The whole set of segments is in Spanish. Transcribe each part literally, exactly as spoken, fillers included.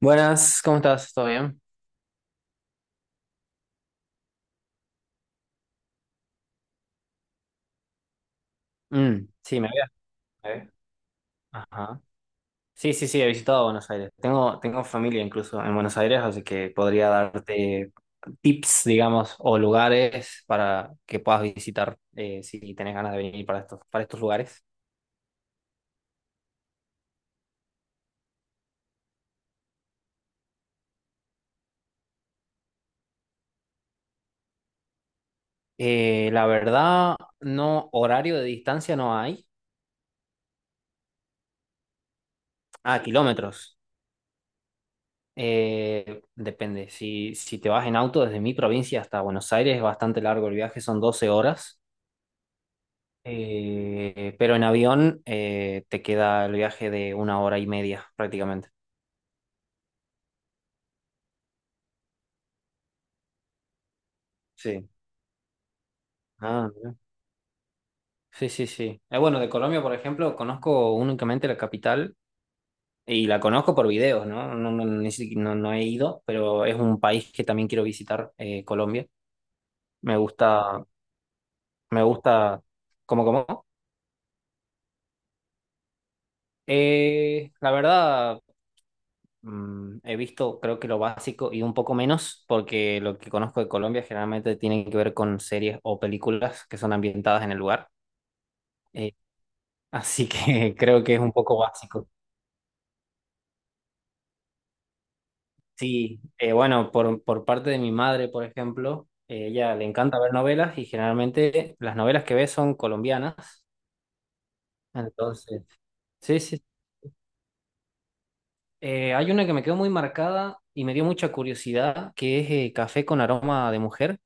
Buenas, ¿cómo estás? ¿Todo bien? Mm, sí, me había. ¿Eh? Ajá. Sí, sí, sí, he visitado Buenos Aires. Tengo, tengo familia incluso en Buenos Aires, así que podría darte tips, digamos, o lugares para que puedas visitar eh, si tenés ganas de venir para estos, para estos lugares. Eh, la verdad, no, horario de distancia no hay. Ah, kilómetros. Eh, depende. Si, si te vas en auto desde mi provincia hasta Buenos Aires, es bastante largo el viaje, son doce horas. Eh, pero en avión eh, te queda el viaje de una hora y media prácticamente. Sí. Ah, mira. Sí, sí, sí. Eh, bueno, de Colombia, por ejemplo, conozco únicamente la capital y la conozco por videos, ¿no? No, no, ni si- no- no he ido, pero es un país que también quiero visitar, eh, Colombia. Me gusta, me gusta, ¿cómo, cómo? Eh, la verdad. Mm, he visto, creo que lo básico y un poco menos, porque lo que conozco de Colombia generalmente tiene que ver con series o películas que son ambientadas en el lugar. Eh, así que creo que es un poco básico. Sí, eh, bueno, por, por parte de mi madre, por ejemplo, eh, ella le encanta ver novelas y generalmente las novelas que ve son colombianas. Entonces, sí, sí. Eh, hay una que me quedó muy marcada y me dio mucha curiosidad, que es eh, Café con aroma de mujer.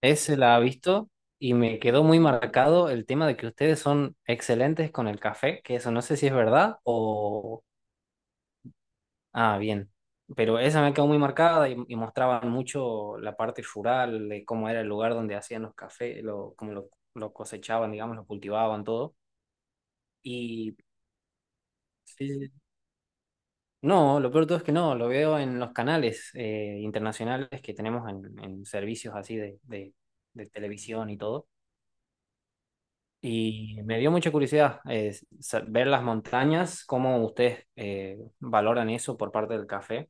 Ese la ha visto y me quedó muy marcado el tema de que ustedes son excelentes con el café, que eso no sé si es verdad o... Ah, bien. Pero esa me quedó muy marcada y, y mostraban mucho la parte rural, de cómo era el lugar donde hacían los cafés, lo, cómo lo, lo cosechaban, digamos, lo cultivaban, todo. Y sí, no, lo peor de todo es que no, lo veo en los canales eh, internacionales que tenemos en, en servicios así de, de de televisión y todo. Y me dio mucha curiosidad eh, sa- ver las montañas, cómo ustedes eh, valoran eso por parte del café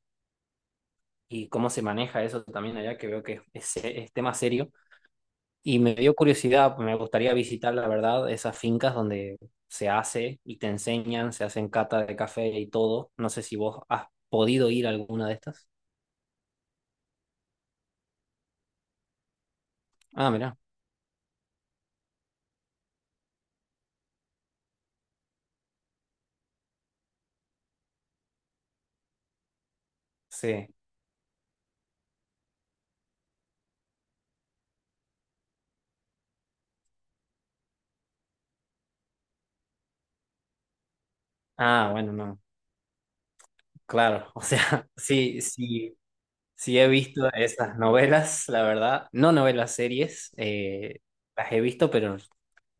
y cómo se maneja eso también allá, que veo que es, es- es tema serio. Y me dio curiosidad, me gustaría visitar, la verdad, esas fincas donde se hace y te enseñan, se hacen cata de café y todo. No sé si vos has podido ir a alguna de estas. Ah, mira, sí. Ah, bueno, no, claro. O sea, sí, sí. Sí, he visto esas novelas, la verdad. No novelas, series. eh, las he visto, pero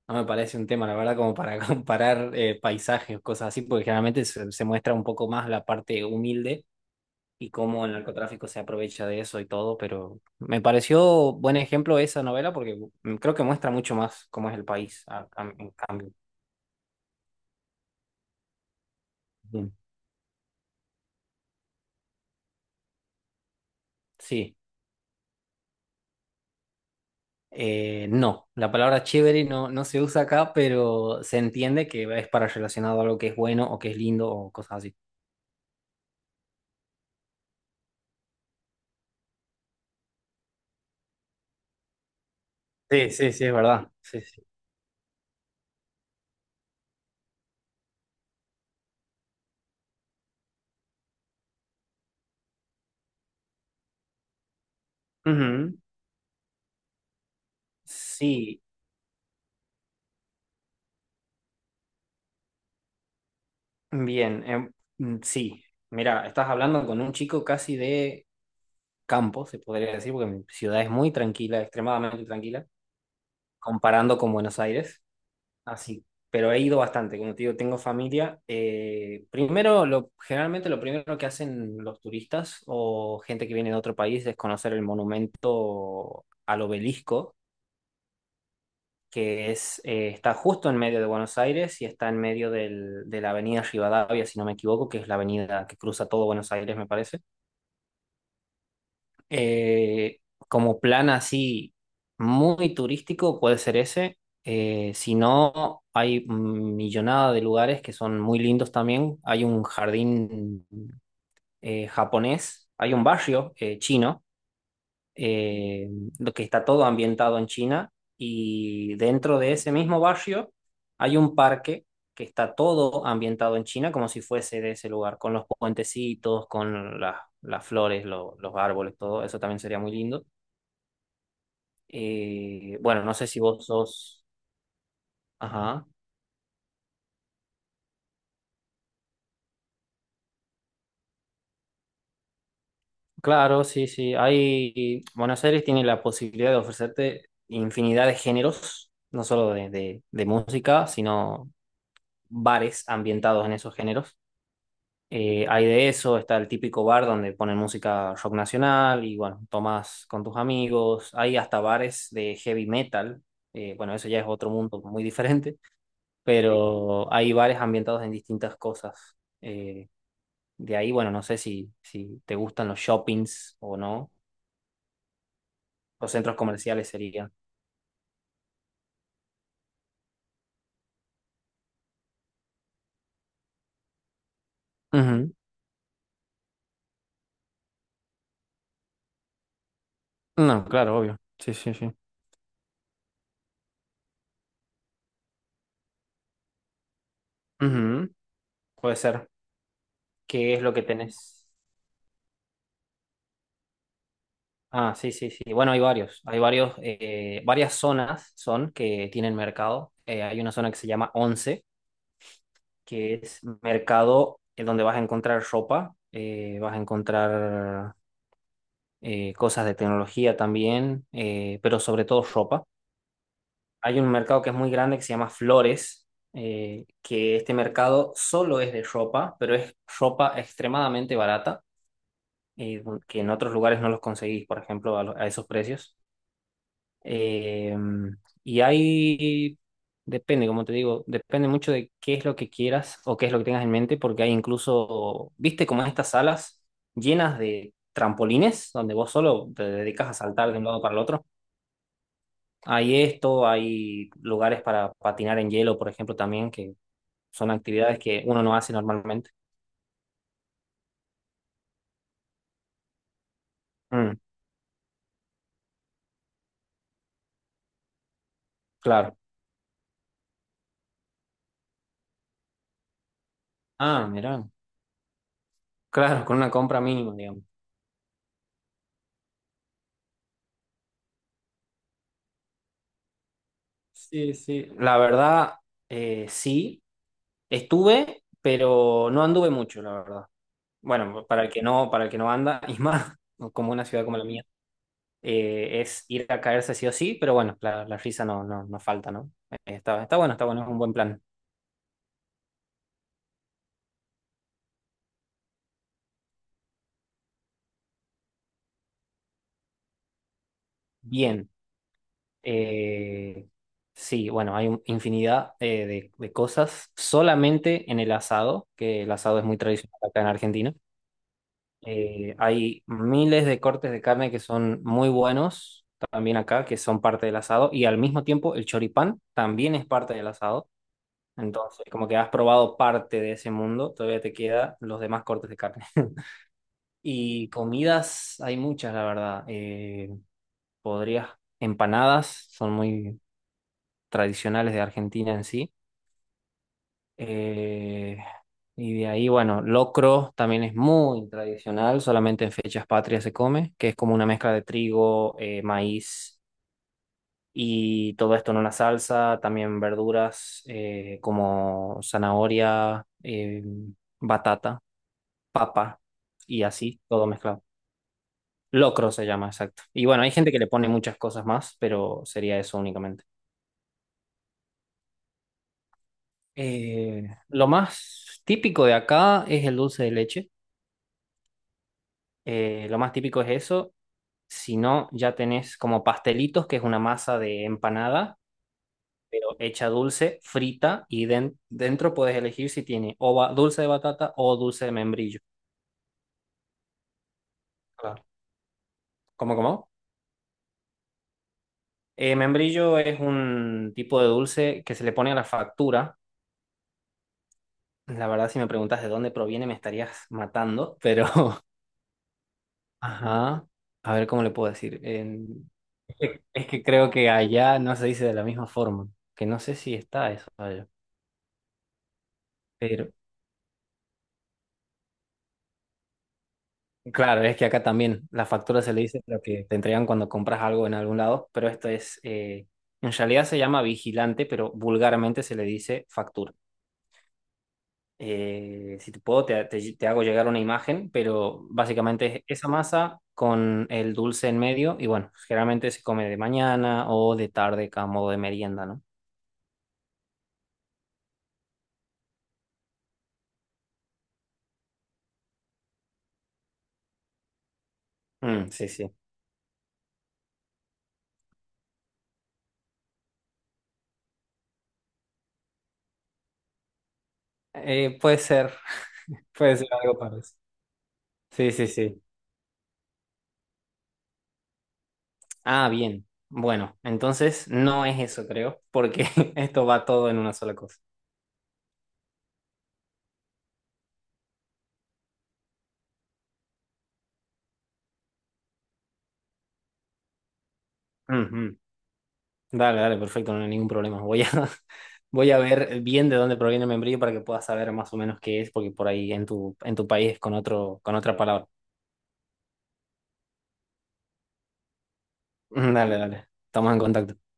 no me parece un tema, la verdad, como para comparar eh, paisajes o cosas así, porque generalmente se, se muestra un poco más la parte humilde y cómo el narcotráfico se aprovecha de eso y todo, pero me pareció buen ejemplo esa novela porque creo que muestra mucho más cómo es el país, a- a- en cambio. Mm. Sí. Eh, no, la palabra chévere no, no se usa acá, pero se entiende que es para relacionado a algo que es bueno o que es lindo o cosas así. Sí, sí, sí, es verdad. Sí, sí. Ujú. Sí, bien, em, mm, sí. Mira, estás hablando con un chico casi de campo, se podría decir, porque mi ciudad es muy tranquila, extremadamente tranquila, comparando con Buenos Aires. Así, pero he ido bastante, como te digo, tengo familia. Eh, primero, lo, generalmente lo primero que hacen los turistas o gente que viene de otro país es conocer el monumento al obelisco, que es, eh, está justo en medio de Buenos Aires y está en medio del- de la avenida Rivadavia, si no me equivoco, que es la avenida que cruza todo Buenos Aires, me parece. Eh, como plan así muy turístico puede ser ese. Eh, si no, hay millonada de lugares que son muy lindos también. Hay un jardín eh, japonés, hay un barrio eh, chino, eh, lo que está todo ambientado en China. Y dentro de ese mismo barrio hay un parque que está todo ambientado en China como si fuese de ese lugar, con los puentecitos, con las, las flores, lo- los árboles, todo. Eso también sería muy lindo. Eh, bueno, no sé si vos sos... Ajá. Claro, sí, sí. Hay... Buenos Aires tiene la posibilidad de ofrecerte infinidad de géneros, no solo de, de- de música, sino bares ambientados en esos géneros. Eh, hay de eso, está el típico bar donde ponen música rock nacional y bueno, tomás con tus amigos. Hay hasta bares de heavy metal. Eh, bueno, eso ya es otro mundo muy diferente, pero hay bares ambientados en distintas cosas. eh, De ahí, bueno, no sé si, si te gustan los shoppings o no. Los centros comerciales serían. Ujú. No, claro, obvio. Sí, sí, sí. Ujú. Puede ser. ¿Qué es lo que tenés? Ah, sí, sí, sí. Bueno, hay varios. Hay varios, eh, varias zonas son que tienen mercado. Eh, hay una zona que se llama Once, que es mercado en donde vas a encontrar ropa, eh, vas a encontrar eh, cosas de tecnología también, eh, pero sobre todo ropa. Hay un mercado que es muy grande que se llama Flores, eh, que este mercado solo es de ropa, pero es ropa extremadamente barata, eh, que en otros lugares no los conseguís, por ejemplo, a, lo- a esos precios. Eh, y hay, depende, como te digo, depende mucho de qué es lo que quieras o qué es lo que tengas en mente, porque hay incluso, viste, como estas salas llenas de trampolines, donde vos solo te dedicas a saltar de un lado para el otro. Hay esto, hay lugares para patinar en hielo, por ejemplo, también, que son actividades que uno no hace normalmente. Mm, claro. Ah, mirá. Claro, con una compra mínima, digamos. Sí, sí. La verdad, eh, sí. Estuve, pero no anduve mucho, la verdad. Bueno, para el que no, para el que no anda, y más, como una ciudad como la mía, eh, es ir a caerse sí o sí, pero bueno, la, la risa no, no, no falta, ¿no? Eh, está, está bueno, está bueno, es un buen plan. Bien. Eh, sí, bueno, hay un- infinidad eh, de, de cosas solamente en el asado, que el asado es muy tradicional acá en Argentina. Eh, hay miles de cortes de carne que son muy buenos también acá, que son parte del asado, y al mismo tiempo el choripán también es parte del asado. Entonces, como que has probado parte de ese mundo, todavía te quedan los demás cortes de carne. Y comidas hay muchas, la verdad. Eh, podrías, empanadas son muy, tradicionales de Argentina en sí. Eh, y de ahí, bueno, locro también es muy tradicional, solamente en fechas patrias se come, que es como una mezcla de trigo, eh, maíz y todo esto en una salsa, también verduras eh, como zanahoria, eh, batata, papa y así, todo mezclado. Locro se llama, exacto. Y bueno, hay gente que le pone muchas cosas más, pero sería eso únicamente. Eh, lo más típico de acá es el dulce de leche. Eh, lo más típico es eso. Si no, ya tenés como pastelitos, que es una masa de empanada, pero hecha dulce, frita, y den- dentro puedes elegir si tiene o ba- dulce de batata o dulce de membrillo. Claro. ¿Cómo, cómo? Eh, membrillo es un tipo de dulce que se le pone a la factura. La verdad, si me preguntas de dónde proviene, me estarías matando, pero... Ajá. A ver cómo le puedo decir. En- Es que creo que allá no se dice de la misma forma, que no sé si está eso allá. Pero claro, es que acá también la factura se le dice lo que te entregan cuando compras algo en algún lado, pero esto es, eh, en realidad se llama vigilante, pero vulgarmente se le dice factura. Eh, si te puedo, te, te- te hago llegar una imagen, pero básicamente es esa masa con el dulce en medio y bueno, generalmente se come de mañana o de tarde a modo de merienda, ¿no? Mm, sí, sí. Eh, puede ser, puede ser algo parecido. Sí, sí, sí. Ah, bien. Bueno, entonces no es eso, creo, porque esto va todo en una sola cosa. Ujú. Dale, dale, perfecto, no hay ningún problema. Voy a, voy a ver bien de dónde proviene el membrillo para que puedas saber más o menos qué es, porque por ahí en tu, en tu país es con otro, con otra palabra. Dale, dale. Estamos en contacto.